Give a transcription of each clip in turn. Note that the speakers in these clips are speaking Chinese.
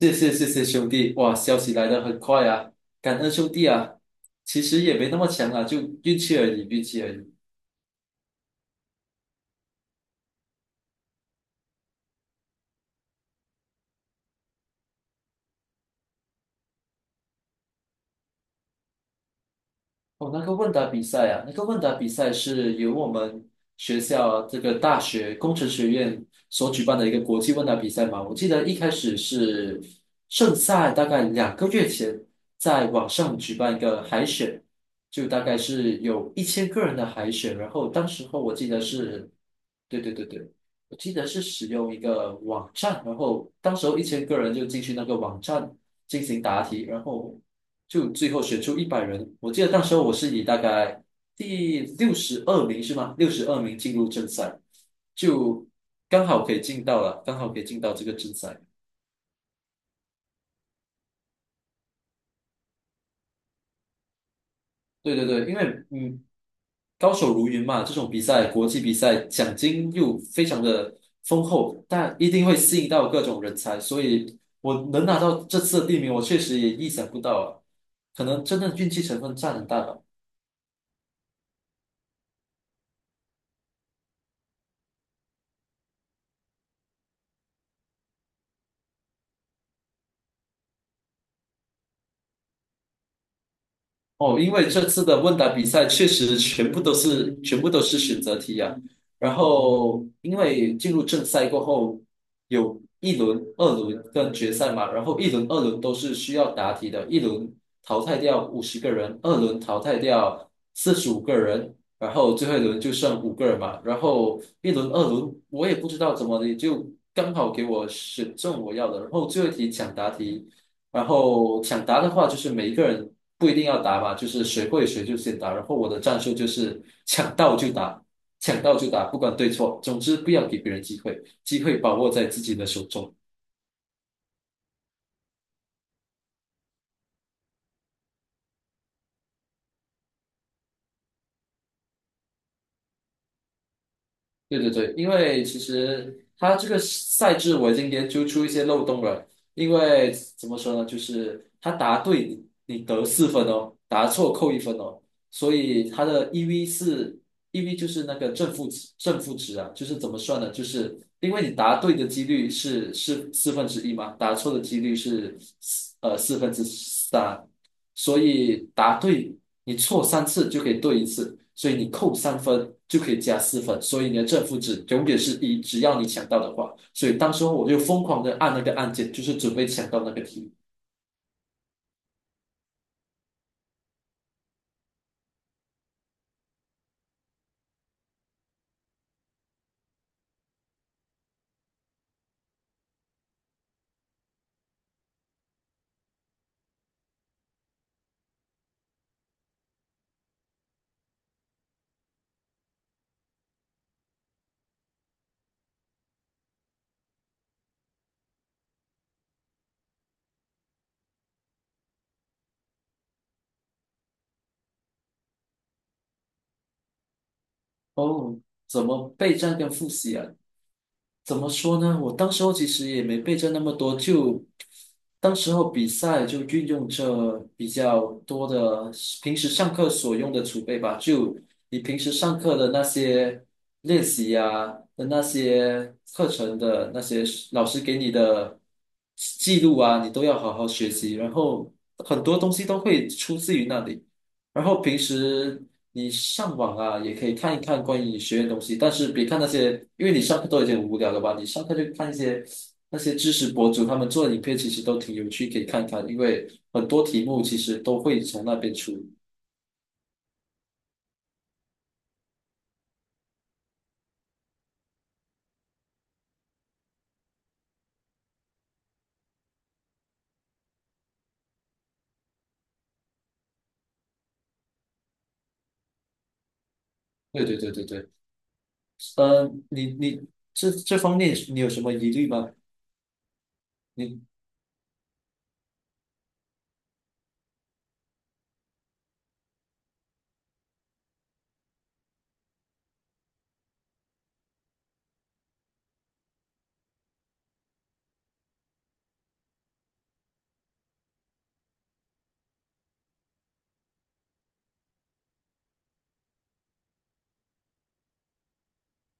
谢谢谢谢兄弟，哇，消息来的很快啊，感恩兄弟啊，其实也没那么强啊，就运气而已，运气而已。哦，那个问答比赛啊，那个问答比赛是由我们学校这个大学工程学院所举办的一个国际问答比赛嘛。我记得一开始是盛赛，大概2个月前在网上举办一个海选，就大概是有一千个人的海选。然后当时候我记得是。对对对对，我记得是使用一个网站，然后当时候一千个人就进去那个网站进行答题，就最后选出100人。我记得那时候我是以大概第62名是吗？六十二名进入正赛，就刚好可以进到这个正赛。对对对，因为嗯，高手如云嘛，这种比赛，国际比赛奖金又非常的丰厚，但一定会吸引到各种人才，所以我能拿到这次的第一名，我确实也意想不到啊，可能真的运气成分占很大吧。哦，因为这次的问答比赛确实全部都是选择题啊。然后，因为进入正赛过后，有一轮、二轮跟决赛嘛，然后一轮、二轮都是需要答题的，一轮淘汰掉50个人，二轮淘汰掉45个人，然后最后一轮就剩五个人嘛。然后一轮、二轮我也不知道怎么的，就刚好给我选中我要的。然后最后一题抢答题。然后抢答的话，就是每一个人不一定要答嘛，就是谁会谁就先答。然后我的战术就是 抢到就答，抢到就答，不管对错，总之不要给别人机会，机会把握在自己的手中。对对对，因为其实他这个赛制我已经研究出一些漏洞了。因为怎么说呢，就是他答对你得四分哦，答错扣1分哦，所以他的 EV 是 EV 就是那个正负值啊，就是怎么算呢？就是因为你答对的几率是四分之一嘛，答错的几率是四分之三，所以答对你错3次就可以对一次，所以你扣3分就可以加四分，所以你的正负值永远是一，只要你抢到的话。所以当时候我就疯狂的按那个按键，就是准备抢到那个题。哦，怎么备战跟复习啊？怎么说呢？我当时候其实也没备着那么多，就当时候比赛就运用这比较多的平时上课所用的储备吧，就你平时上课的那些练习呀、的那些课程的那些老师给你的记录啊，你都要好好学习，然后很多东西都会出自于那里。然后平时你上网啊，也可以看一看关于学院的东西，但是别看那些，因为你上课都已经很无聊了吧？你上课就看一些那些知识博主他们做的影片，其实都挺有趣，可以看看，因为很多题目其实都会从那边出。对对对对对，你这方面你有什么疑虑吗？你？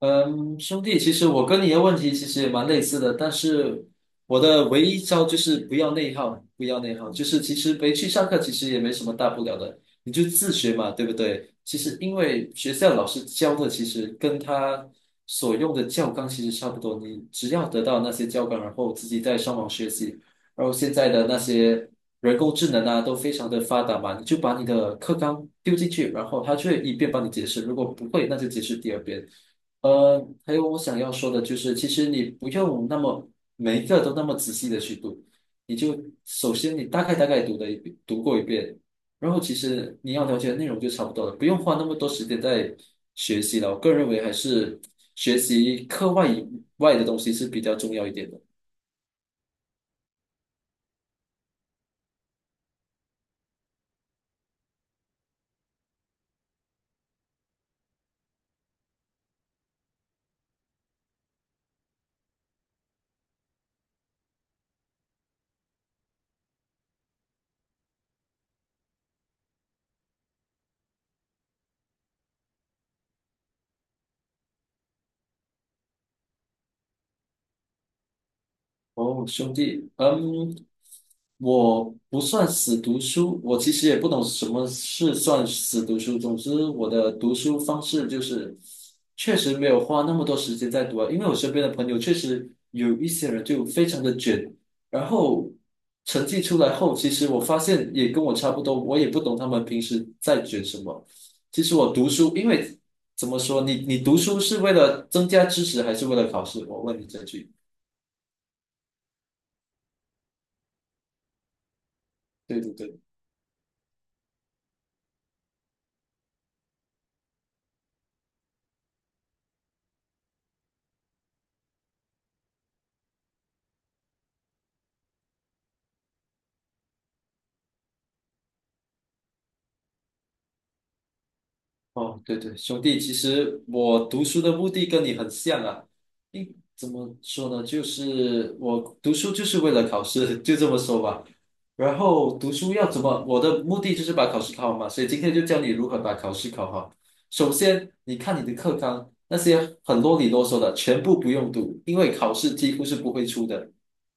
嗯，兄弟，其实我跟你的问题其实也蛮类似的，但是我的唯一招就是不要内耗，不要内耗，就是其实没去上课，其实也没什么大不了的，你就自学嘛，对不对？其实因为学校老师教的，其实跟他所用的教纲其实差不多，你只要得到那些教纲，然后自己再上网学习，然后现在的那些人工智能啊，都非常的发达嘛，你就把你的课纲丢进去，然后它就会一遍帮你解释，如果不会，那就解释第二遍。呃，还有我想要说的就是，其实你不用那么每一个都那么仔细的去读，你就首先你大概读过一遍，然后其实你要了解的内容就差不多了，不用花那么多时间在学习了。我个人认为还是学习课外以外的东西是比较重要一点的。哦，兄弟，嗯，我不算死读书，我其实也不懂什么是算死读书。总之，我的读书方式就是确实没有花那么多时间在读啊，因为我身边的朋友确实有一些人就非常的卷，然后成绩出来后，其实我发现也跟我差不多，我也不懂他们平时在卷什么。其实我读书，因为怎么说，你读书是为了增加知识，还是为了考试？我问你这句。对对对。哦，对对，兄弟，其实我读书的目的跟你很像啊。怎么说呢？就是我读书就是为了考试，就这么说吧。然后读书要怎么？我的目的就是把考试考好嘛，所以今天就教你如何把考试考好。首先，你看你的课纲，那些很啰里啰嗦的，全部不用读，因为考试几乎是不会出的。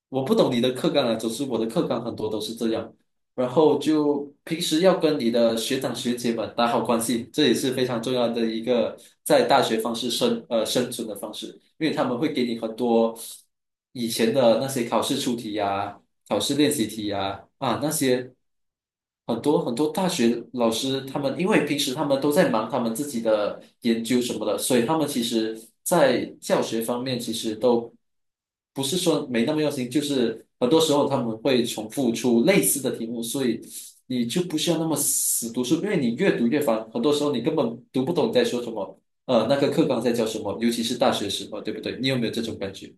我不懂你的课纲啊，总之我的课纲很多都是这样。然后就平时要跟你的学长学姐们打好关系，这也是非常重要的一个在大学方式生呃生存的方式，因为他们会给你很多以前的那些考试出题呀、考试练习题啊那些很多很多大学老师他们，因为平时他们都在忙他们自己的研究什么的，所以他们其实在教学方面其实都不是说没那么用心，就是很多时候他们会重复出类似的题目，所以你就不需要那么死读书，因为你越读越烦，很多时候你根本读不懂在说什么，那个课纲在教什么，尤其是大学时候，对不对？你有没有这种感觉？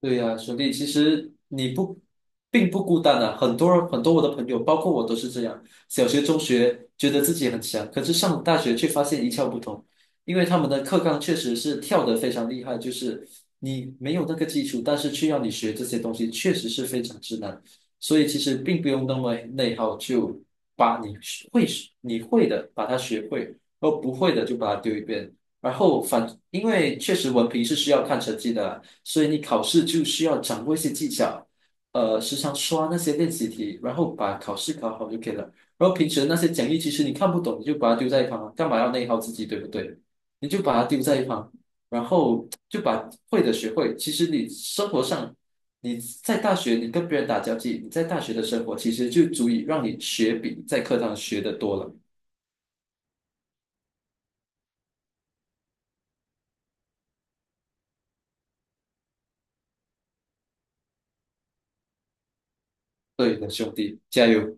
对呀，兄弟，其实你不并不孤单啊，很多很多我的朋友，包括我都是这样。小学、中学觉得自己很强，可是上了大学却发现一窍不通，因为他们的课纲确实是跳得非常厉害，就是你没有那个基础，但是却要你学这些东西，确实是非常之难。所以其实并不用那么内耗，就把会你会的把它学会，而不会的就把它丢一边。然后因为确实文凭是需要看成绩的，所以你考试就需要掌握一些技巧，时常刷那些练习题，然后把考试考好就可以了。然后平时那些讲义，其实你看不懂，你就把它丢在一旁，干嘛要内耗自己，对不对？你就把它丢在一旁，然后就把会的学会。其实你生活上，你在大学你跟别人打交际，你在大学的生活其实就足以让你学比在课堂学的多了。对的，兄弟，加油！